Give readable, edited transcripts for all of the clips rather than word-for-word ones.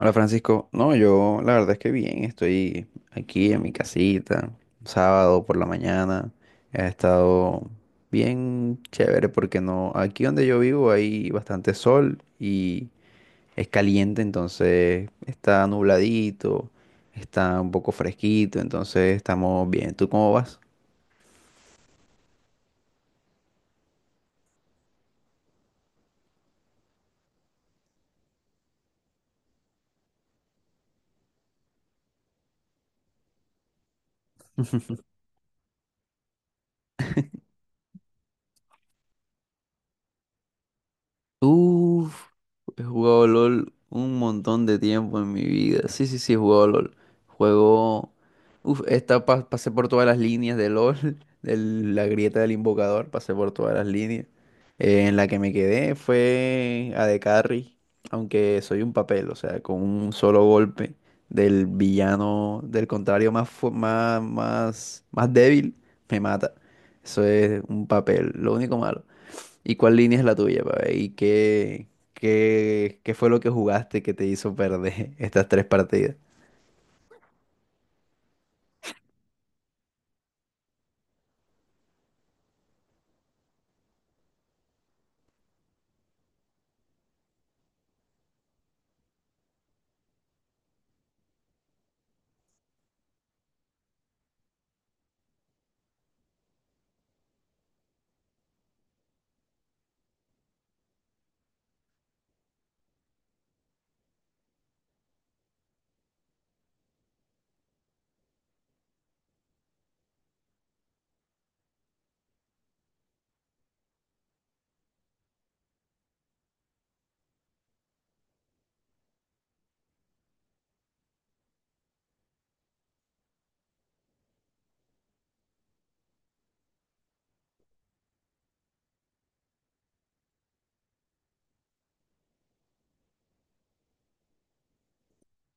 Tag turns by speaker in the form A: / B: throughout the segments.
A: Hola Francisco, no, yo la verdad es que bien, estoy aquí en mi casita, sábado por la mañana, ha estado bien chévere porque no, aquí donde yo vivo hay bastante sol y es caliente, entonces está nubladito, está un poco fresquito, entonces estamos bien. ¿Tú cómo vas? Uf, he jugado LOL un montón de tiempo en mi vida. Sí, sí, sí, he jugado LOL. Juego. Uf, pasé por todas las líneas de LOL, de la grieta del invocador, pasé por todas las líneas. En la que me quedé fue a de Carry, aunque soy un papel, o sea, con un solo golpe del villano, del contrario más, fu- más, más, más débil, me mata. Eso es un papel, lo único malo. ¿Y cuál línea es la tuya, pa' ver? ¿Y qué fue lo que jugaste que te hizo perder estas tres partidas?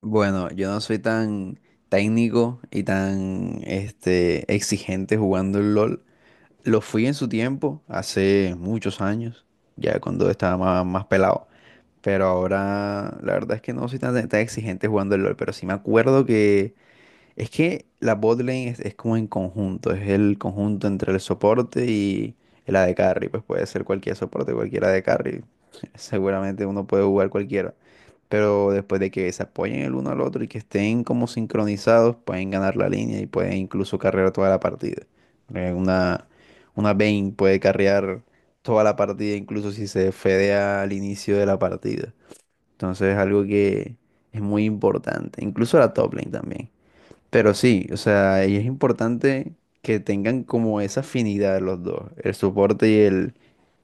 A: Bueno, yo no soy tan técnico y tan este, exigente jugando el LOL. Lo fui en su tiempo, hace muchos años, ya cuando estaba más pelado. Pero ahora la verdad es que no soy tan exigente jugando el LOL, pero sí me acuerdo que es que la botlane es como en conjunto, es el conjunto entre el soporte y el AD carry, pues puede ser cualquier soporte, cualquier AD carry. Seguramente uno puede jugar cualquiera, pero después de que se apoyen el uno al otro y que estén como sincronizados, pueden ganar la línea y pueden incluso carrear toda la partida. Eh, Una, una Vayne puede carrear toda la partida, incluso si se fedea al inicio de la partida. Entonces es algo que es muy importante, incluso la top lane también. Pero sí, o sea, y es importante que tengan como esa afinidad los dos, el soporte y el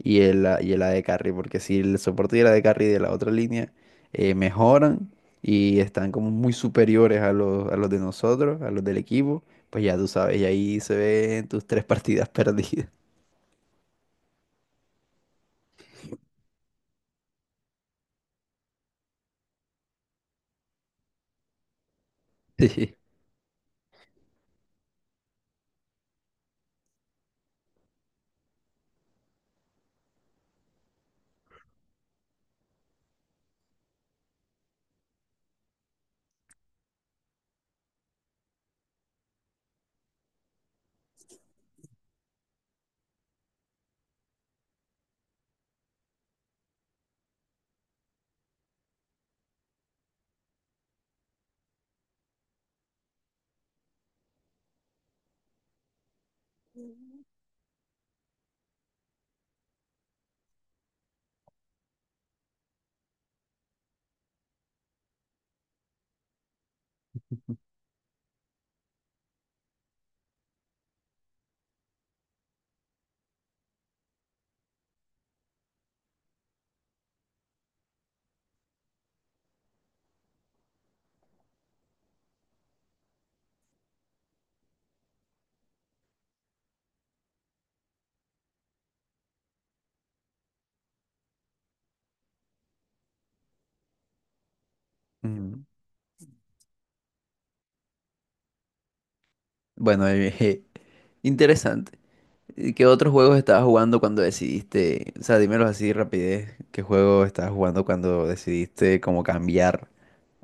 A: y el, a- y el AD carry, porque si el soporte y el AD carry de la otra línea mejoran y están como muy superiores a los de nosotros, a los del equipo, pues ya tú sabes, y ahí se ven tus tres partidas perdidas. Sí. Ujú. Bueno, interesante. ¿Y qué otros juegos estabas jugando cuando decidiste? O sea, dímelo así de rapidez. ¿Qué juego estabas jugando cuando decidiste como cambiar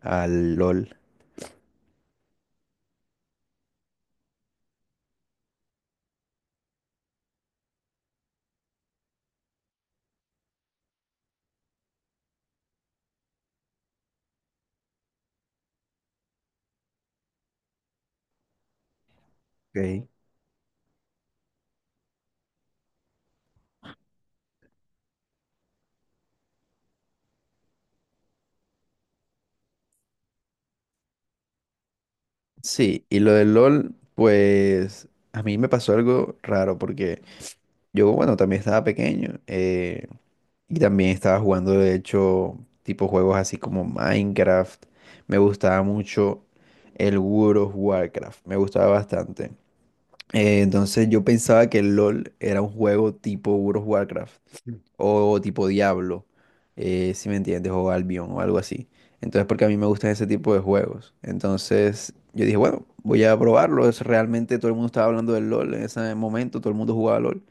A: al LOL? Ok. Sí, y lo del LOL, pues a mí me pasó algo raro porque yo, bueno, también estaba pequeño, y también estaba jugando, de hecho, tipo juegos así como Minecraft. Me gustaba mucho el World of Warcraft, me gustaba bastante. Entonces yo pensaba que el LOL era un juego tipo World of Warcraft o tipo Diablo, si me entiendes, o Albion o algo así. Entonces porque a mí me gustan ese tipo de juegos. Entonces yo dije, bueno, voy a probarlo. Realmente todo el mundo estaba hablando del LOL en ese momento, todo el mundo jugaba LOL.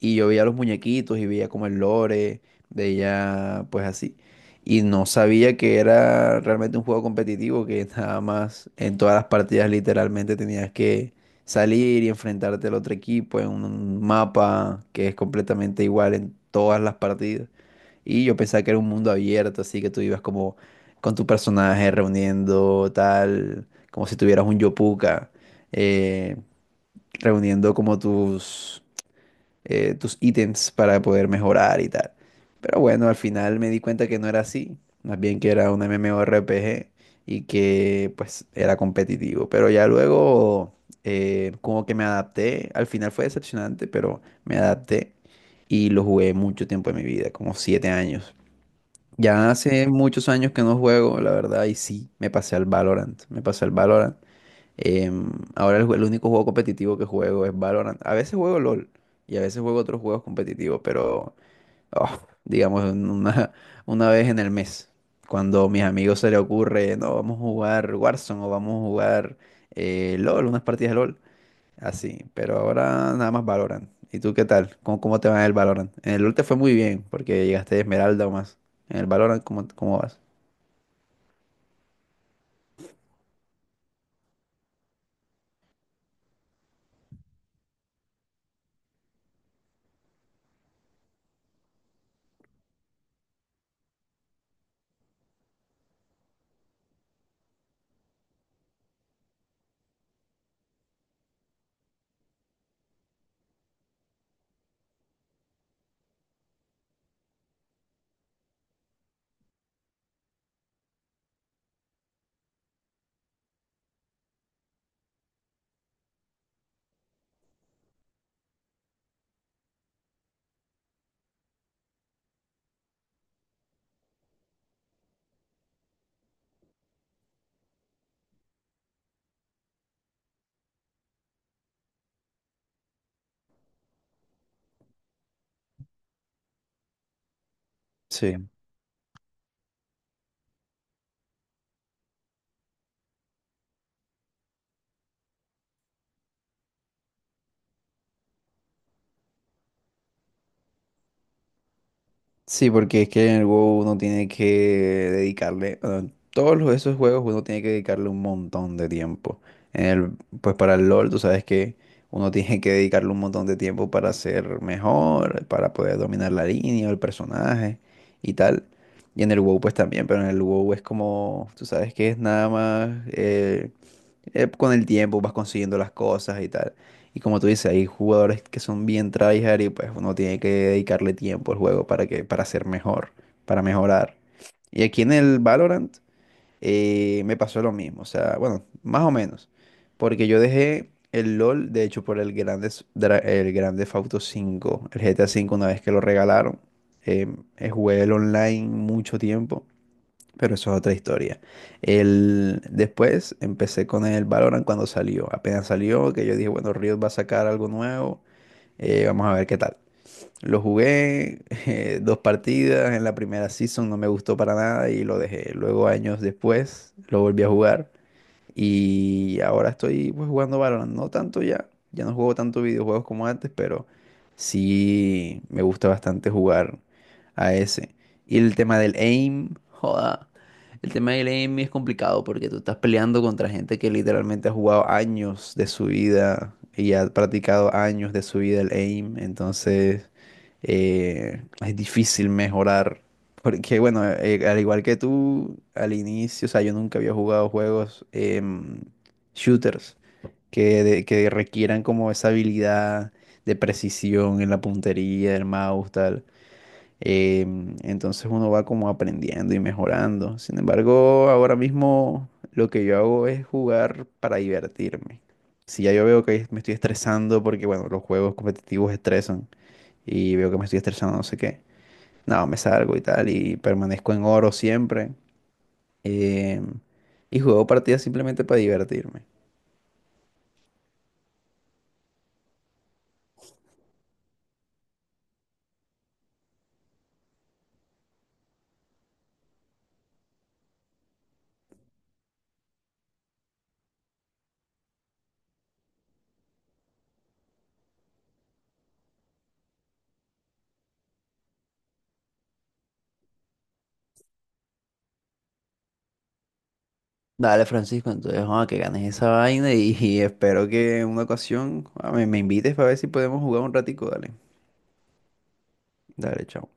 A: Y yo veía los muñequitos y veía como el lore, veía pues así. Y no sabía que era realmente un juego competitivo, que nada más en todas las partidas literalmente tenías que salir y enfrentarte al otro equipo en un mapa que es completamente igual en todas las partidas. Y yo pensaba que era un mundo abierto, así que tú ibas como con tu personaje reuniendo tal, como si tuvieras un Yopuka, eh, reuniendo como tus ítems para poder mejorar y tal. Pero bueno, al final me di cuenta que no era así, más bien que era un MMORPG y que pues era competitivo. Pero ya luego como que me adapté, al final fue decepcionante, pero me adapté y lo jugué mucho tiempo de mi vida, como 7 años. Ya hace muchos años que no juego, la verdad, y sí, me pasé al Valorant, me pasé al Valorant. Ahora el único juego competitivo que juego es Valorant. A veces juego LOL y a veces juego otros juegos competitivos, pero oh, digamos en una, una vez en el mes, cuando a mis amigos se les ocurre, no, vamos a jugar Warzone o vamos a jugar LOL, unas partidas de LOL, así. Pero ahora nada más Valorant. ¿Y tú qué tal? ¿Cómo te va en el Valorant? En el LOL te fue muy bien porque llegaste de Esmeralda o más. En el Valorant, ¿cómo vas? Sí. Sí, porque es que en el WoW uno tiene que dedicarle, bueno, todos los- esos juegos uno tiene que dedicarle un montón de tiempo. En el, pues para el LoL, tú sabes que uno tiene que dedicarle un montón de tiempo para ser mejor, para poder dominar la línea o el personaje y tal. Y en el WoW pues también, pero en el WoW es como, tú sabes que es nada más, con el tiempo vas consiguiendo las cosas y tal. Y como tú dices, hay jugadores que son bien tryhard y pues uno tiene que dedicarle tiempo al juego para que, para ser mejor, para mejorar. Y aquí en el Valorant me pasó lo mismo, o sea, bueno, más o menos, porque yo dejé el LOL, de hecho, por el grande Auto 5 el GTA 5 una vez que lo regalaron, eh, jugué el online mucho tiempo pero eso es otra historia. Después empecé con el Valorant cuando salió. Apenas salió, que yo dije, bueno, Riot va a sacar algo nuevo, vamos a ver qué tal. Lo jugué dos partidas, en la primera season no me gustó para nada y lo dejé. Luego, años después, lo volví a jugar y ahora estoy pues, jugando Valorant. No tanto ya. Ya no juego tanto videojuegos como antes, pero sí me gusta bastante jugar a ese. Y el tema del aim, joda. El tema del aim es complicado porque tú estás peleando contra gente que literalmente ha jugado años de su vida y ha practicado años de su vida el aim. Entonces es difícil mejorar porque bueno, al igual que tú, al inicio, o sea, yo nunca había jugado juegos em, shooters que requieran como esa habilidad de precisión en la puntería, del mouse, tal. Entonces uno va como aprendiendo y mejorando. Sin embargo, ahora mismo lo que yo hago es jugar para divertirme. Si ya yo veo que me estoy estresando, porque bueno, los juegos competitivos estresan y veo que me estoy estresando, no sé qué. No, me salgo y tal, y permanezco en oro siempre. eh, y juego partidas simplemente para divertirme. Dale, Francisco, entonces, ah, que ganes esa vaina y espero que en una ocasión ah, me invites para ver si podemos jugar un ratico, dale. Dale, chao.